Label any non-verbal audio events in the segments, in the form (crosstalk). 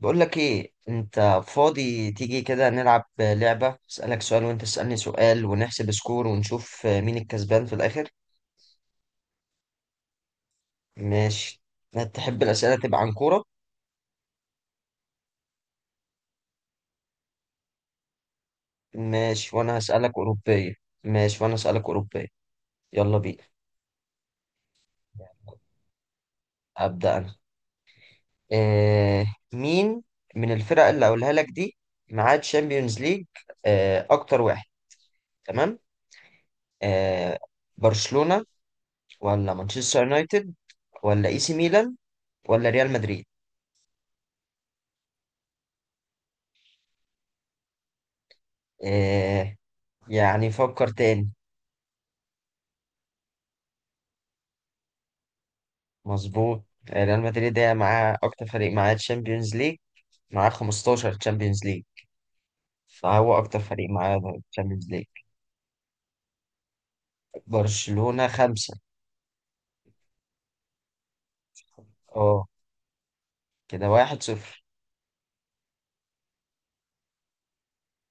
بقول لك ايه، انت فاضي؟ تيجي كده نلعب لعبة، اسألك سؤال وانت تسألني سؤال ونحسب سكور ونشوف مين الكسبان في الاخر. ماشي. تحب الأسئلة تبقى عن كورة؟ ماشي وانا هسألك أوروبية. ماشي وانا هسألك أوروبية. يلا بينا. أبدأ انا. آه مين من الفرق اللي هقولها لك دي معاه تشامبيونز ليج؟ آه، اكتر واحد. تمام. آه، برشلونة ولا مانشستر يونايتد ولا اي سي ميلان ولا ريال مدريد؟ آه، يعني فكر تاني. مظبوط. ريال مدريد ده معاه اكتر فريق، معاه تشامبيونز ليج، معاه 15 تشامبيونز ليج، فهو اكتر فريق معاه تشامبيونز ليج. برشلونة خمسة. اه، كده واحد صفر.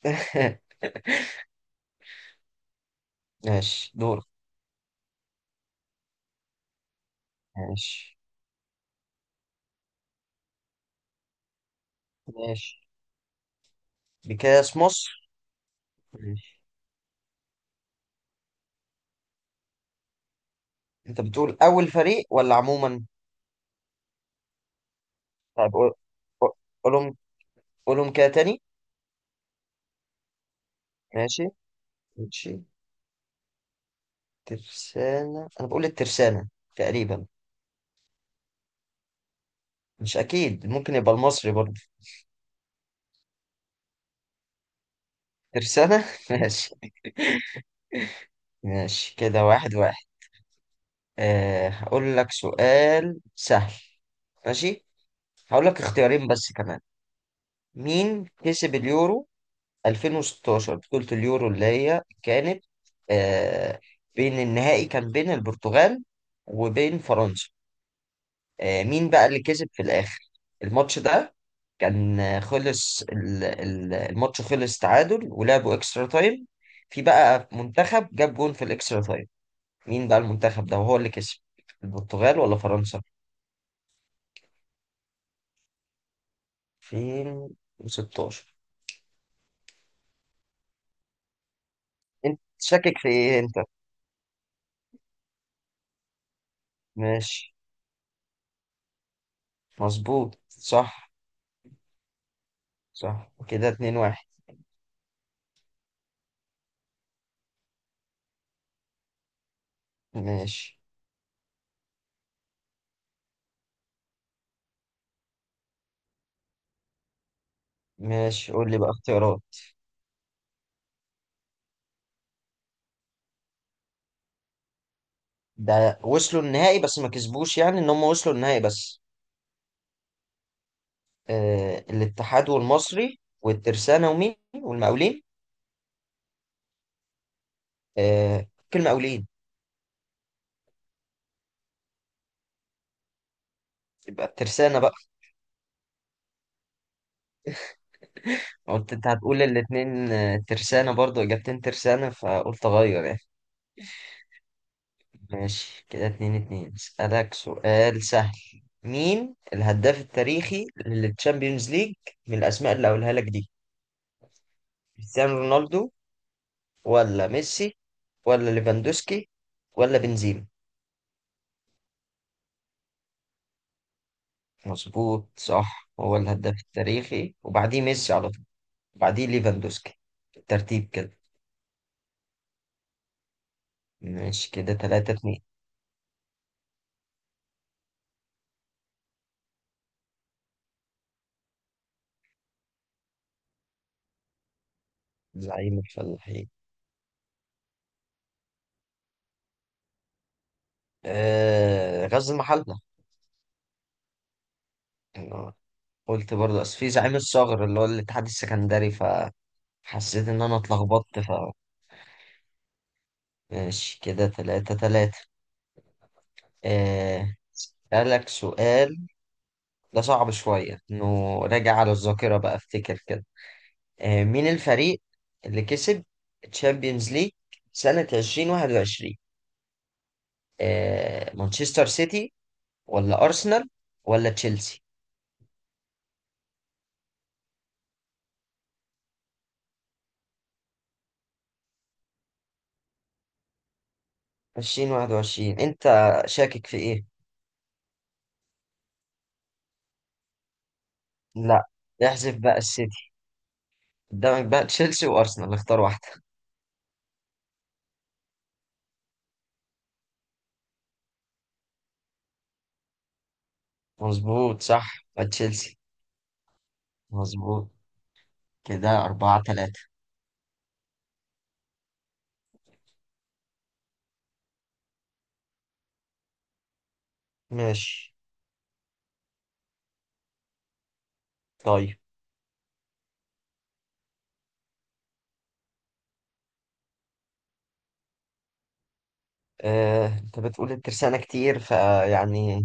(laughs) ماشي، دور. ماشي. ماشي بكاس مصر. ماشي. انت بتقول اول فريق ولا عموما؟ طيب قول- قولهم، قولهم كده تاني. ماشي. ماشي. ترسانة، انا بقول الترسانة تقريبا. مش اكيد، ممكن يبقى المصري برضه. ترسانة (laughs) ماشي. ماشي كده واحد واحد. آه، هقول لك سؤال سهل. ماشي. هقول لك اختيارين بس كمان. مين كسب اليورو 2016؟ بطولة اليورو اللي هي كانت آه، بين النهائي كان بين البرتغال وبين فرنسا. آه، مين بقى اللي كسب في الآخر الماتش ده؟ كان آه، خلص الماتش، خلص تعادل ولعبوا اكسترا تايم. في بقى منتخب جاب جون في الاكسترا تايم، مين بقى المنتخب ده وهو اللي كسب؟ البرتغال ولا فرنسا؟ 2016. انت شاكك في ايه انت؟ ماشي. مظبوط، صح. صح، كده 2-1. ماشي. ماشي، قول لي بقى اختيارات. ده وصلوا النهائي بس ما كسبوش، يعني ان هم وصلوا النهائي بس. آه، الاتحاد والمصري والترسانة ومين؟ والمقاولين. آه، كل المقاولين. يبقى الترسانة بقى. قلت انت هتقول الاتنين آه، ترسانة برضو، اجابتين ترسانة، فقلت اغير يعني. ماشي كده اتنين اتنين. اسألك سؤال سهل. مين الهداف التاريخي للتشامبيونز ليج من الأسماء اللي هقولها لك دي؟ كريستيانو رونالدو ولا ميسي ولا ليفاندوسكي ولا بنزيما؟ مظبوط صح، هو الهداف التاريخي وبعديه ميسي على طول وبعديه ليفاندوسكي. الترتيب كده. ماشي كده تلاتة اتنين. زعيم الفلاحين. آه، غزل المحلة. أنا قلت برضه، أصل في زعيم الصغر اللي هو الاتحاد السكندري، ف حسيت ان انا اتلخبطت ف ماشي كده تلاتة تلاتة. آه، اسألك سؤال ده صعب شوية، انه راجع على الذاكرة بقى، افتكر كده. آه، مين الفريق اللي كسب تشامبيونز ليج سنة 2021؟ آه، مانشستر سيتي ولا ارسنال ولا تشيلسي؟ 2021. انت شاكك في ايه؟ لا، احذف بقى السيتي. قدامك بقى تشيلسي وارسنال، اختار واحدة. مظبوط صح. تشيلسي. مظبوط. كده أربعة تلاتة. ماشي. طيب. آه، أنت بتقول الترسانة كتير، فيعني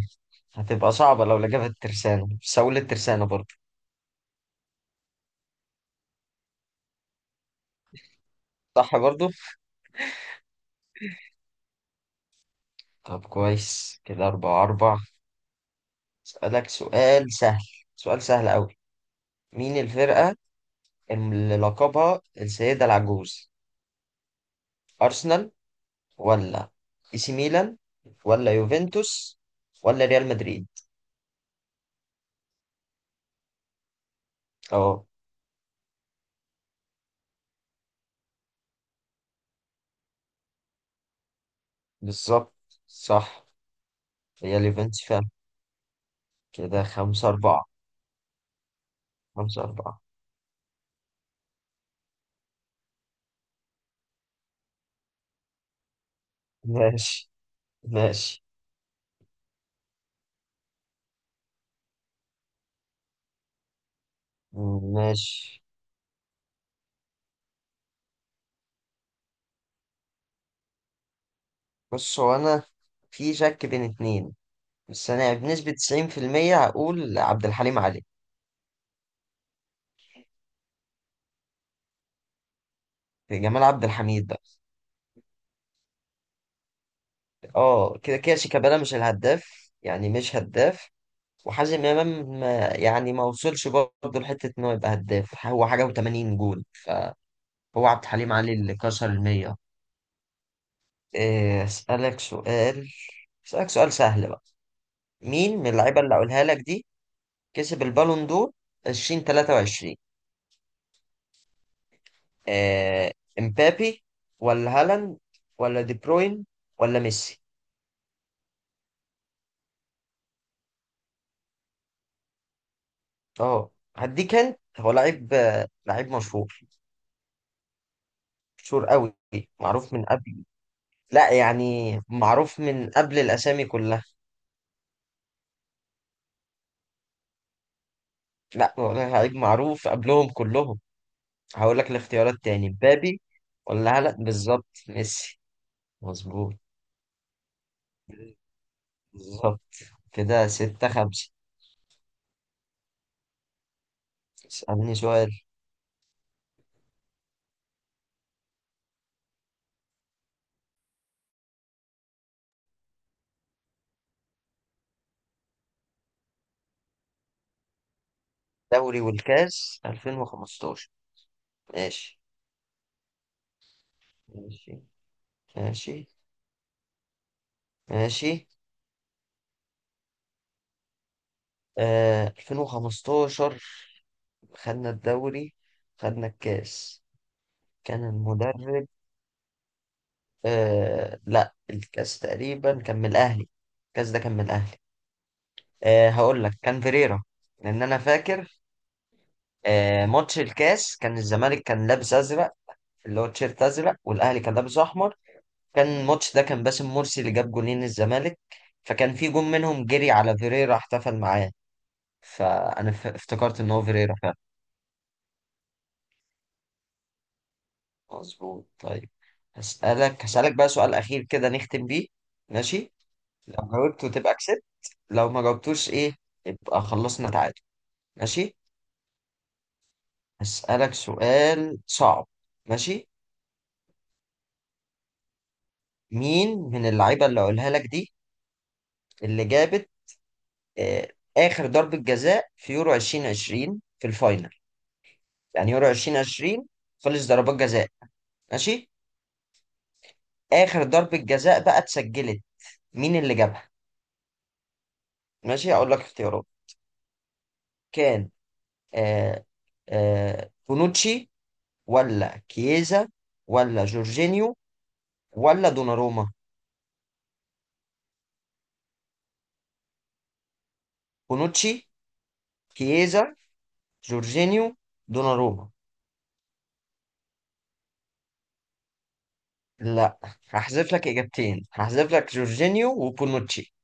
هتبقى صعبة لو لجبت الترسانة، بس هقول الترسانة برضه. صح برضه؟ طب كويس، كده أربعة أربعة. أسألك سؤال سهل. سؤال سهل أوي. مين الفرقة اللي لقبها السيدة العجوز؟ أرسنال ولا إي سي ميلان ولا يوفنتوس ولا ريال مدريد؟ أه، بالظبط. صح. هي اليوفنتوس فعلا. كده خمسة أربعة. خمسة أربعة. ماشي. ماشي. ماشي. بص، هو أنا في شك بين اتنين، بس أنا بنسبة 90% هقول عبد الحليم علي. جمال عبد الحميد بقى. اه كده كده، شيكابالا مش الهداف، يعني مش هداف. وحازم إمام يعني ما وصلش برضه لحتة إن هو يبقى هداف، هو حاجة و80 جول فهو. عبد الحليم علي اللي كسر المية. إيه، أسألك سؤال. أسألك سؤال سهل بقى. مين من اللعيبة اللي هقولها لك دي كسب البالون دور 2023؟ آه، امبابي ولا هالاند ولا دي بروين ولا ميسي؟ اه هديك، انت هو لعيب آه، لعيب مشهور، مشهور قوي، معروف من قبل. لا يعني، معروف من قبل الاسامي كلها. لا، هو لعيب معروف قبلهم كلهم. هقول لك الاختيارات تاني. مبابي ولا هالاند؟ بالظبط ميسي. مظبوط. بالظبط. كده ستة خمسة. اسألني سؤال. دوري والكاس 2015. ماشي. ماشي. ماشي. ماشي. آه 2015، خدنا الدوري، خدنا الكاس. كان المدرب آه لا، الكاس تقريبا كان من الأهلي، الكاس ده كان من الأهلي. آه هقول لك كان فيريرا، لأن أنا فاكر آه ماتش الكاس كان الزمالك كان لابس أزرق، اللي هو تيشيرت أزرق والأهلي كان لابس أحمر. كان الماتش ده كان باسم مرسي اللي جاب جولين الزمالك، فكان في جون منهم جري على فيريرا احتفل معاه، فأنا افتكرت إن هو فيريرا. مظبوط، طيب. هسألك بقى سؤال أخير كده نختم بيه. ماشي. لو جاوبته تبقى كسبت، لو ما جاوبتوش إيه، يبقى خلصنا تعادل. ماشي. هسألك سؤال صعب. ماشي. مين من اللعيبة اللي أقولها لك دي اللي جابت آه آخر ضربة جزاء في يورو 2020 في الفاينل؟ يعني يورو 2020 خلص ضربات جزاء. ماشي. آخر ضربة جزاء بقى اتسجلت، مين اللي جابها؟ ماشي، أقول لك اختيارات. كان آه آه، بونوتشي ولا كييزا ولا جورجينيو ولا دوناروما؟ بونوتشي، كييزا، جورجينيو، دوناروما. لا. هحذف لك اجابتين، هحذف لك جورجينيو وبونوتشي.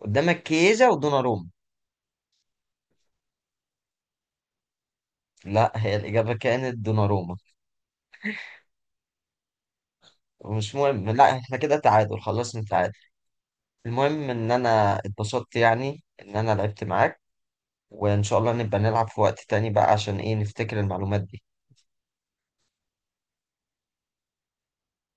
قدامك كييزا ودوناروما. لا، هي الاجابه كانت دوناروما. مش مهم، لا احنا كده تعادل، خلصنا تعادل. المهم ان انا اتبسطت يعني ان انا لعبت معاك. وان شاء الله نبقى نلعب في وقت تاني بقى، عشان ايه، نفتكر المعلومات دي.